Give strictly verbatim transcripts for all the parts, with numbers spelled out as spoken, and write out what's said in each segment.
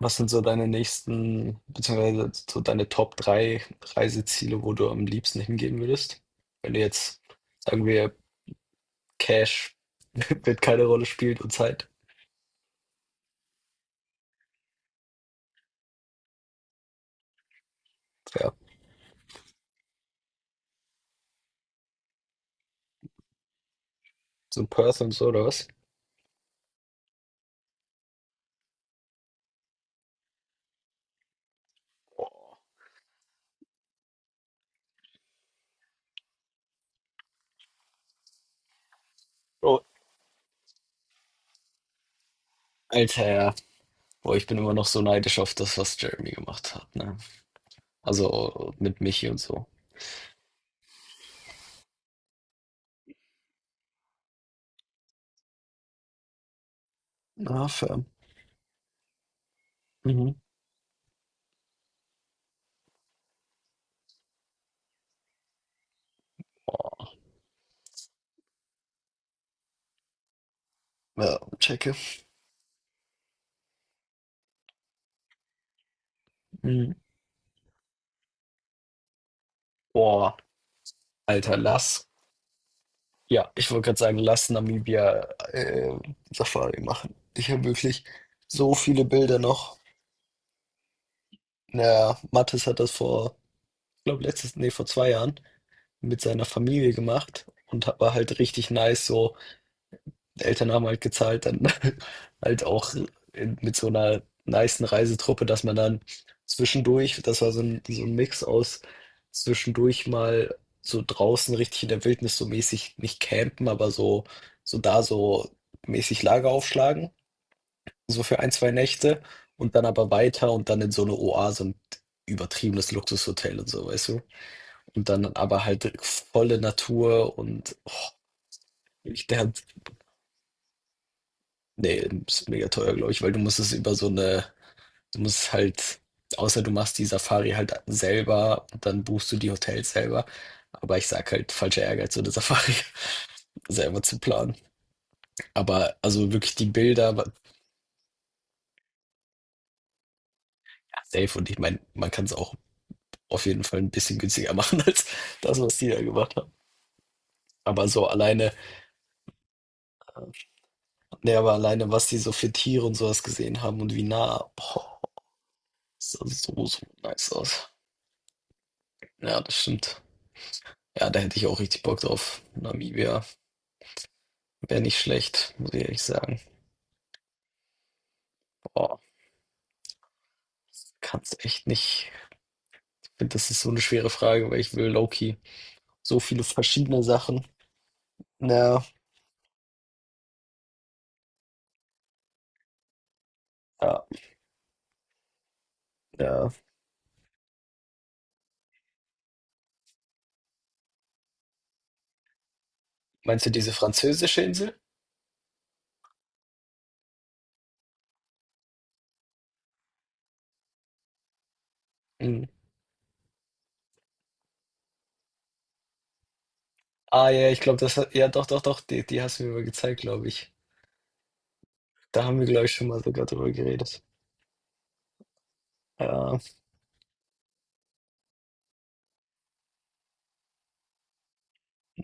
Was sind so deine nächsten, beziehungsweise so deine Top drei Reiseziele, wo du am liebsten hingehen würdest? Wenn du jetzt, sagen wir, Cash wird keine Rolle spielt und Zeit. Ja, so ein Perth und so, oder was? Boah. Bro, Alter, ja. Boah, ich bin immer noch so neidisch auf das, was Jeremy gemacht hat, ne? Also mit Michi und so. Ah, fair. Mhm. Boah, ja, checke. Mhm. Boah, Alter, lass. Ja, ich wollte gerade sagen, lass Namibia äh, Safari machen. Ich habe wirklich so viele Bilder noch. Naja, Mathis hat das vor, ich glaube letztes, nee, vor zwei Jahren mit seiner Familie gemacht und hat- war halt richtig nice so. Eltern haben halt gezahlt, dann halt auch in, mit so einer nicen Reisetruppe, dass man dann zwischendurch, das war so ein, so ein Mix aus zwischendurch mal so draußen richtig in der Wildnis so mäßig, nicht campen, aber so, so da so mäßig Lager aufschlagen, so für ein, zwei Nächte und dann aber weiter und dann in so eine Oase und übertriebenes Luxushotel und so, weißt du? Und dann aber halt volle Natur und oh, ich, der, nee, ist mega teuer, glaube ich, weil du musst es über so eine, du musst halt, außer du machst die Safari halt selber, dann buchst du die Hotels selber. Aber ich sag halt, falscher Ehrgeiz, so eine Safari selber zu planen. Aber also wirklich die Bilder, wa- ja, safe, und ich meine, man kann es auch auf jeden Fall ein bisschen günstiger machen als das, was die da gemacht haben. Aber so alleine, nee, aber alleine, was die so für Tiere und sowas gesehen haben und wie nah, boah, das sah so, so nice aus. Ja, das stimmt. Ja, da hätte ich auch richtig Bock drauf. Namibia wäre nicht schlecht, muss ich ehrlich sagen. Boah, kann's echt nicht. Ich finde, das ist so eine schwere Frage, weil ich will Loki so viele verschiedene Sachen. Na, ja, ja. Meinst du diese französische Insel? Hm. Ah ja, ich glaube, das hat, ja doch, doch, doch, die, die hast du mir mal gezeigt, glaube ich. Da haben wir, glaube ich, schon mal sogar drüber geredet. Ja,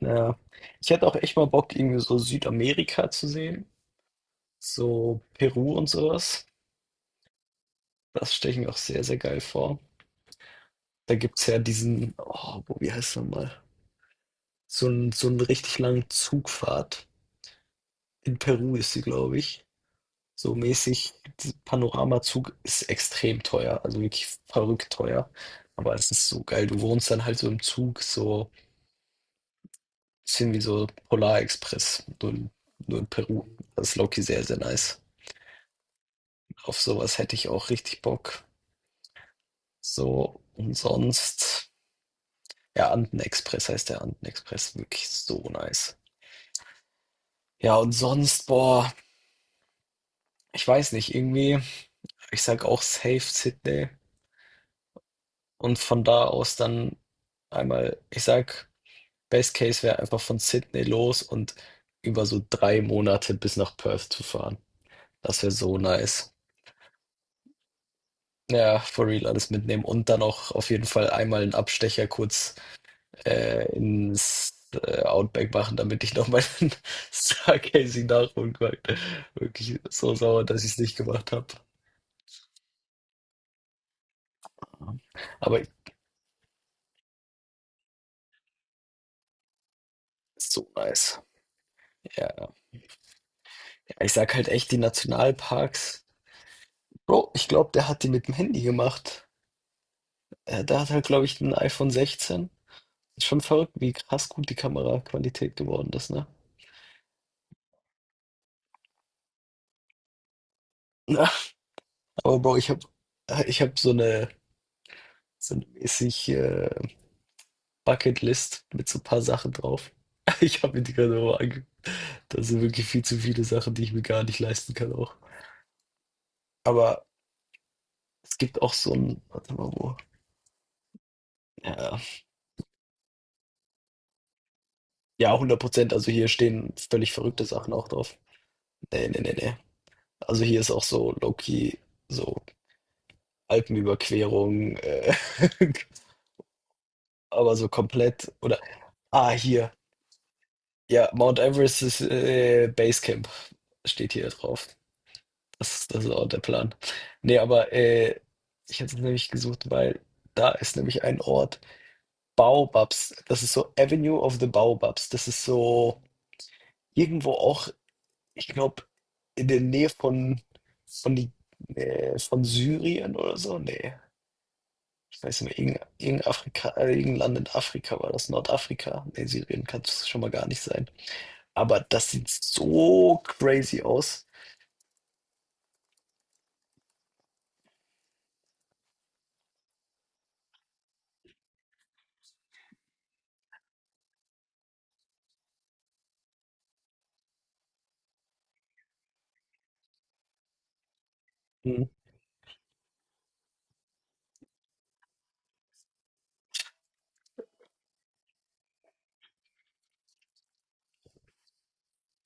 ja. Ich hätte auch echt mal Bock, irgendwie so Südamerika zu sehen. So Peru und sowas. Das stelle ich mir auch sehr, sehr geil vor. Da gibt's ja diesen, oh, wo- wie heißt er mal? So einen, so einen richtig langen Zugfahrt. In Peru ist sie, glaube ich. So mäßig, dieser Panoramazug ist extrem teuer, also wirklich verrückt teuer. Aber es ist so geil. Du wohnst dann halt so im Zug, so ein bisschen wie so Polarexpress, nur in, nur in Peru. Das ist Loki sehr, sehr nice. Auf sowas hätte ich auch richtig Bock. So, und sonst, ja, Andenexpress heißt der Andenexpress, wirklich so nice. Ja, und sonst, boah. Ich weiß nicht, irgendwie, ich sag auch safe Sydney und von da aus dann einmal, ich sag, Best Case wäre einfach von Sydney los und über so drei Monate bis nach Perth zu fahren. Das wäre so nice. Ja, for real alles mitnehmen und dann auch auf jeden Fall einmal einen Abstecher kurz äh, ins äh, Outback machen, damit ich noch meinen Stargazing nachholen kann. Wirklich so sauer, dass ich es nicht gemacht habe. Aber so nice. Ja. Ich sag halt echt, die Nationalparks. Bro, ich glaube, der hat die mit dem Handy gemacht. Äh, Der hat halt, glaube ich, ein iPhone sechzehn. Ist schon verrückt, wie krass gut die Kameraqualität geworden ist, ne? Ja. Aber Bro, ich habe ich hab so eine, so eine mäßig äh, Bucketlist mit so ein paar Sachen drauf. Ich habe mir die gerade auch angeguckt. Da sind wirklich viel zu viele Sachen, die ich mir gar nicht leisten kann auch. Aber es gibt auch so ein, warte mal, wo? Ja, ja, hundert Prozent. Also hier stehen völlig verrückte Sachen auch drauf. Nee, nee, nee, nee. Also hier ist auch so low-key, so Alpenüberquerung, äh, aber so komplett oder ah, hier. Ja, Mount Everest ist äh, Basecamp, steht hier drauf. Das, das ist auch der Plan. Nee, aber äh, ich hätte es nämlich gesucht, weil da ist nämlich ein Ort, Baobabs. Das ist so Avenue of the Baobabs. Das ist so irgendwo auch, ich glaube, in der Nähe von, von, die, äh, von Syrien oder so. Nee. Ich weiß nicht mehr, irgendein, irgendein, Afrika, äh, irgendein Land in Afrika war das, Nordafrika. Nee, Syrien kann es schon mal gar nicht sein. Aber das sieht so crazy aus. Hm.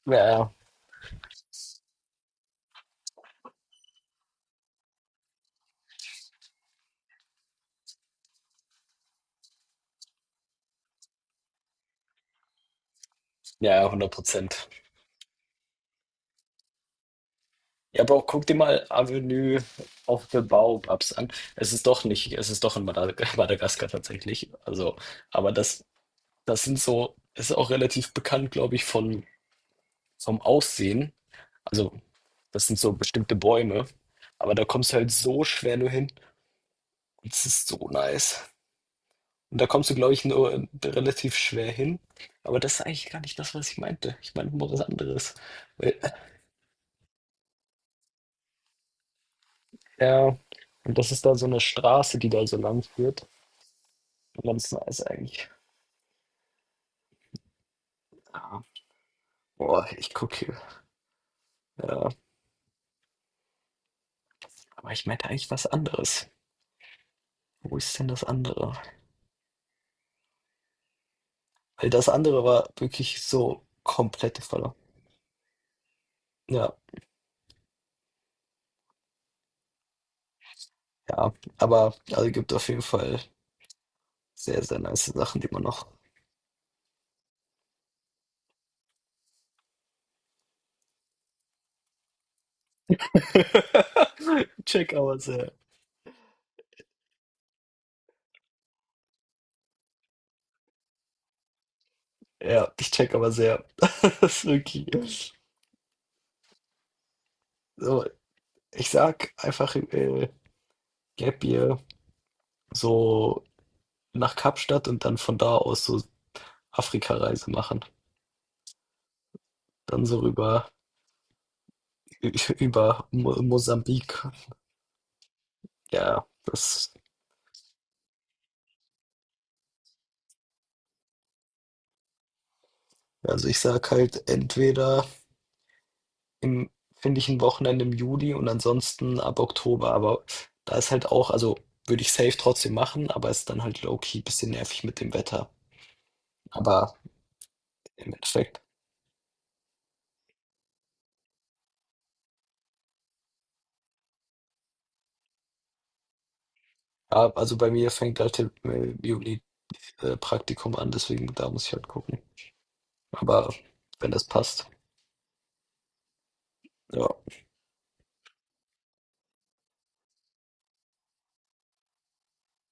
Ja, ja, ja, 100 Prozent. Ja, aber auch guck dir mal Avenue of the Baobabs an. Es ist doch nicht, es ist doch in Madag Madagaskar tatsächlich. Also, aber das, das sind so, es ist auch relativ bekannt, glaube ich, von, vom Aussehen. Also, das sind so bestimmte Bäume. Aber da kommst du halt so schwer nur hin. Das ist so nice. Und da kommst du, glaube ich, nur relativ schwer hin. Aber das ist eigentlich gar nicht das, was ich meinte. Ich meine nur was anderes. Weil, äh, ja, und das ist da so eine Straße, die da so lang führt. Ganz nice eigentlich. Ah, boah, ich gucke. Hier. Ja, aber ich meinte eigentlich was anderes. Wo ist denn das andere? Weil das andere war wirklich so komplette Falle. Ja, ja. Aber also gibt auf jeden Fall sehr, sehr nice Sachen, die man noch check out. Ja. Ja, ich check aber sehr. Das ist wirklich. So, ich sag einfach äh, Gap Year so nach Kapstadt und dann von da aus so Afrika-Reise machen. Dann so rüber über Mo Mosambik. Ja, das. Also ich sag halt entweder im, finde ich ein Wochenende im Juli und ansonsten ab Oktober. Aber da ist halt auch, also würde ich safe trotzdem machen, aber ist dann halt low-key bisschen nervig mit dem Wetter. Aber im Endeffekt. Ja, also bei mir fängt halt im Juli äh, Praktikum an, deswegen da muss ich halt gucken. Aber wenn das passt, ja.